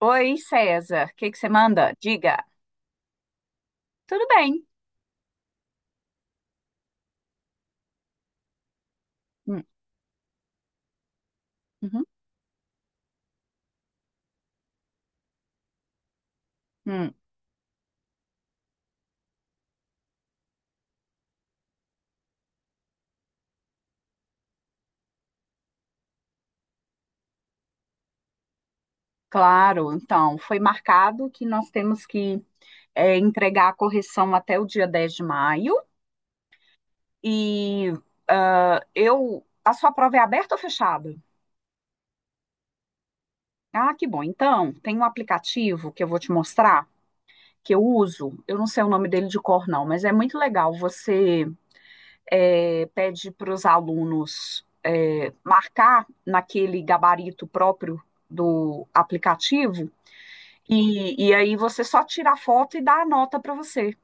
Oi, César, o que que você manda? Diga. Tudo bem. Hum, uhum, hum. Claro, então, foi marcado que nós temos que entregar a correção até o dia 10 de maio. E ah, eu. A sua prova é aberta ou fechada? Ah, que bom. Então, tem um aplicativo que eu vou te mostrar, que eu uso. Eu não sei o nome dele de cor, não, mas é muito legal. Você. Pede para os alunos marcar naquele gabarito próprio do aplicativo, e aí você só tira a foto e dá a nota para você.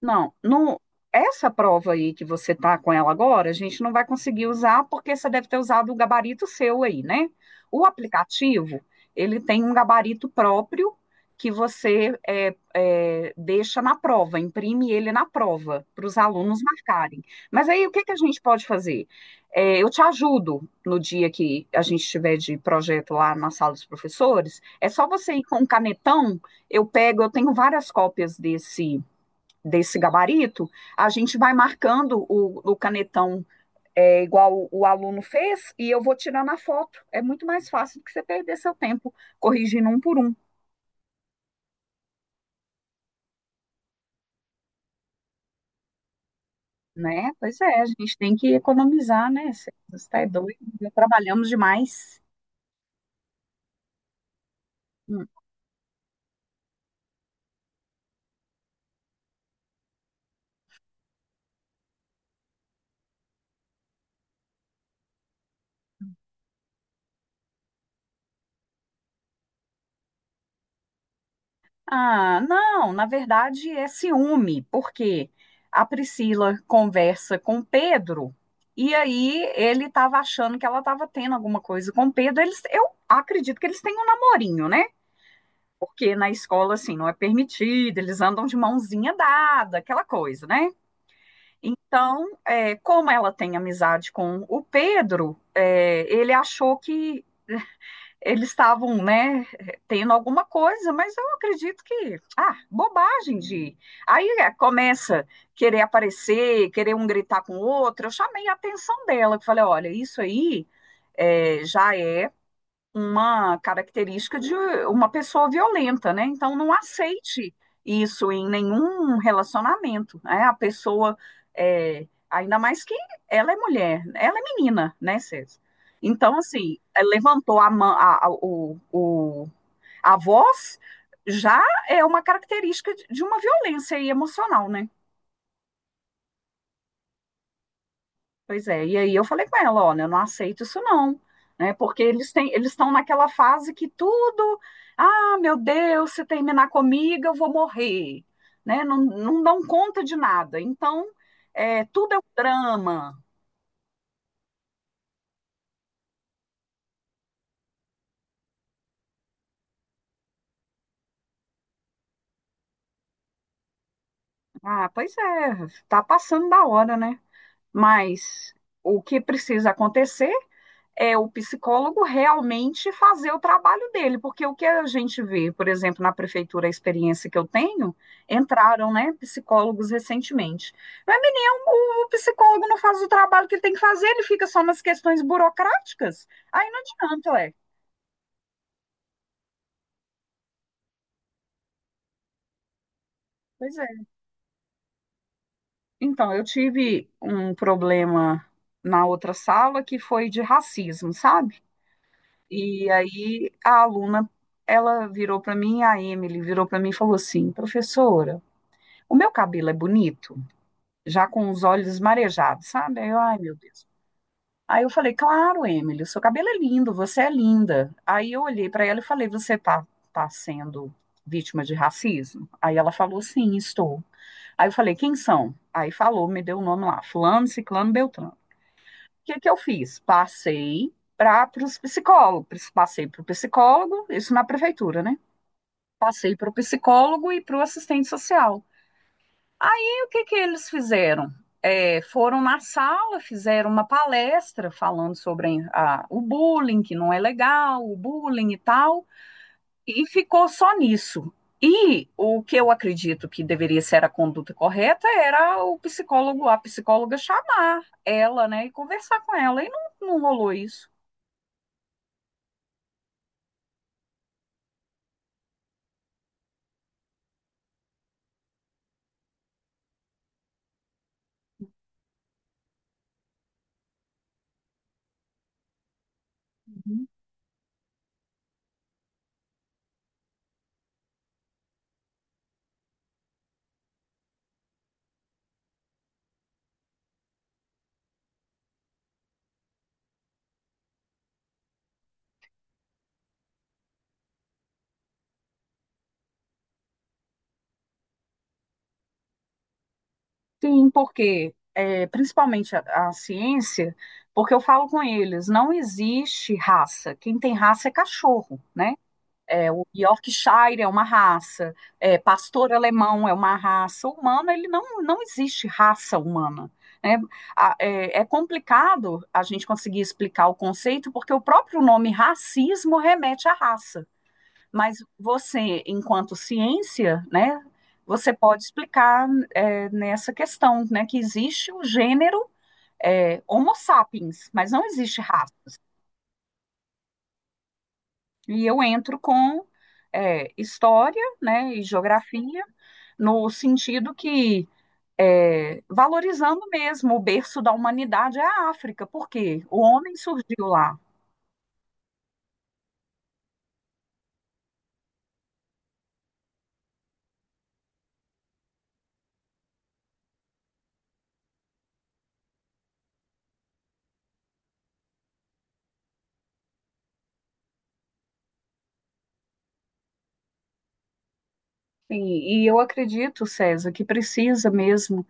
Não, não, essa prova aí que você tá com ela agora, a gente não vai conseguir usar porque você deve ter usado o gabarito seu aí, né? O aplicativo, ele tem um gabarito próprio que você deixa na prova, imprime ele na prova para os alunos marcarem. Mas aí o que que a gente pode fazer? É, eu te ajudo no dia que a gente estiver de projeto lá na sala dos professores. É só você ir com um canetão, eu pego, eu tenho várias cópias desse gabarito, a gente vai marcando o canetão igual o aluno fez e eu vou tirando a foto. É muito mais fácil do que você perder seu tempo corrigindo um por um, né? Pois é, a gente tem que economizar, né? Você está doido, já trabalhamos demais. Hum. Ah, não, na verdade é ciúme, porque a Priscila conversa com o Pedro e aí ele estava achando que ela estava tendo alguma coisa com o Pedro. Eles, eu acredito que eles têm um namorinho, né? Porque na escola, assim, não é permitido, eles andam de mãozinha dada, aquela coisa, né? Então, como ela tem amizade com o Pedro, ele achou que eles estavam, né, tendo alguma coisa, mas eu acredito que, ah, bobagem de. Aí começa querer aparecer, querer um gritar com o outro. Eu chamei a atenção dela, que falei, olha, isso aí já é uma característica de uma pessoa violenta, né? Então não aceite isso em nenhum relacionamento, né? A pessoa ainda mais que ela é mulher, ela é menina, né, César? Então, assim, levantou a, mão, a voz já é uma característica de uma violência aí emocional, né? Pois é, e aí eu falei com ela, olha, eu não aceito isso não, né? Porque eles estão naquela fase que tudo, ah, meu Deus, se terminar comigo eu vou morrer, né? Não, não dão conta de nada. Então, tudo é um drama. Ah, pois é, tá passando da hora, né? Mas o que precisa acontecer é o psicólogo realmente fazer o trabalho dele, porque o que a gente vê, por exemplo, na prefeitura, a experiência que eu tenho, entraram, né, psicólogos recentemente. Mas, menino, o psicólogo não faz o trabalho que ele tem que fazer, ele fica só nas questões burocráticas, aí não adianta, é. Pois é. Então, eu tive um problema na outra sala que foi de racismo, sabe? E aí a aluna, ela virou para mim, a Emily virou para mim e falou assim, professora, o meu cabelo é bonito, já com os olhos marejados, sabe? Ai, meu Deus. Aí eu falei, claro, Emily, o seu cabelo é lindo, você é linda. Aí eu olhei para ela e falei, você tá sendo vítima de racismo? Aí ela falou, sim, estou. Aí eu falei, quem são? Aí falou, me deu o nome lá, fulano, ciclano, beltrano. O que que eu fiz? Passei para os psicólogos, passei para o psicólogo, isso na prefeitura, né? Passei para o psicólogo e para o assistente social. Aí o que que eles fizeram? É, foram na sala, fizeram uma palestra falando sobre o bullying, que não é legal, o bullying e tal, e ficou só nisso. E o que eu acredito que deveria ser a conduta correta era a psicóloga chamar ela, né, e conversar com ela. E não rolou isso. Sim, porque principalmente a ciência, porque eu falo com eles, não existe raça. Quem tem raça é cachorro, né? É, o Yorkshire é uma raça, pastor alemão é uma raça humana, ele não, não existe raça humana. Né? É complicado a gente conseguir explicar o conceito, porque o próprio nome racismo remete à raça. Mas você, enquanto ciência, né, você pode explicar nessa questão, né, que existe o gênero Homo sapiens, mas não existe raça. E eu entro com história, né, e geografia, no sentido que valorizando mesmo o berço da humanidade é a África, porque o homem surgiu lá. E eu acredito, César, que precisa mesmo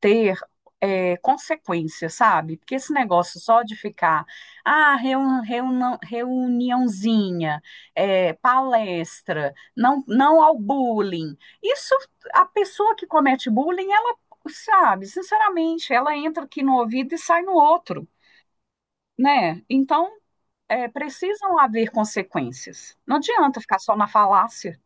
ter consequência, sabe? Porque esse negócio só de ficar, ah, reuniãozinha, palestra, não, não ao bullying. Isso, a pessoa que comete bullying, ela sabe, sinceramente, ela entra aqui no ouvido e sai no outro, né? Então, precisam haver consequências. Não adianta ficar só na falácia.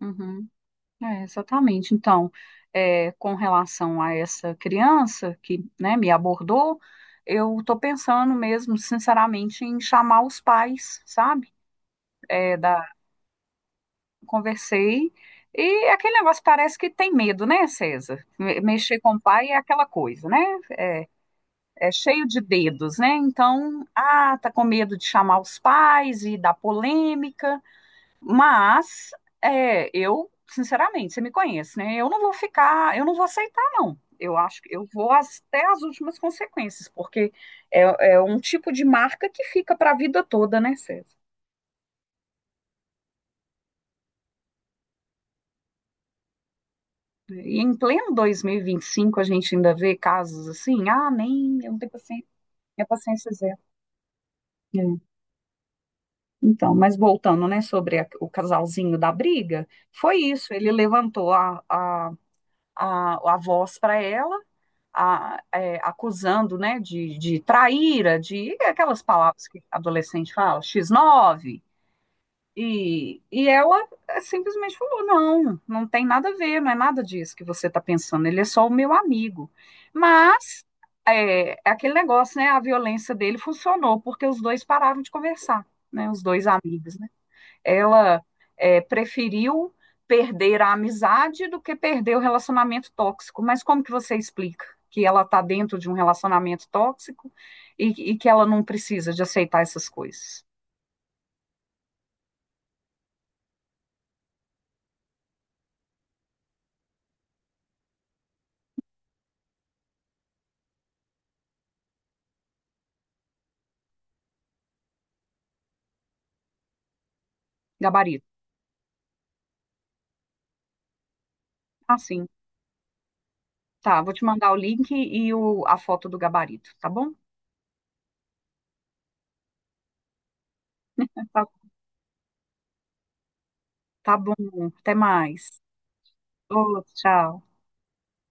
Uhum. É, exatamente. Então, com relação a essa criança que, né, me abordou, eu estou pensando mesmo, sinceramente, em chamar os pais, sabe? É, da, Conversei e aquele negócio parece que tem medo, né, César? Mexer com o pai é aquela coisa, né? É, é cheio de dedos, né? Então, ah, tá com medo de chamar os pais e dar polêmica. Mas eu, sinceramente, você me conhece, né? Eu não vou ficar, eu não vou aceitar, não. Eu acho que eu vou até as últimas consequências, porque é, é um tipo de marca que fica para a vida toda, né, César? E em pleno 2025 a gente ainda vê casos assim, ah, nem, eu não tenho paciência, minha paciência é zero. É. Então, mas voltando, né, sobre o casalzinho da briga, foi isso, ele levantou a voz para ela, acusando, né, de traíra, de aquelas palavras que adolescente fala, X9 e ela simplesmente falou, não tem nada a ver, não é nada disso que você está pensando, ele é só o meu amigo. Mas é aquele negócio, né, a violência dele funcionou, porque os dois pararam de conversar, né, os dois amigos, né. Ela preferiu perder a amizade do que perder o relacionamento tóxico. Mas como que você explica que ela está dentro de um relacionamento tóxico e que ela não precisa de aceitar essas coisas? Gabarito. Assim, tá. Vou te mandar o link e a foto do gabarito, tá bom? Tá, tá bom. Até mais. Outro, tchau.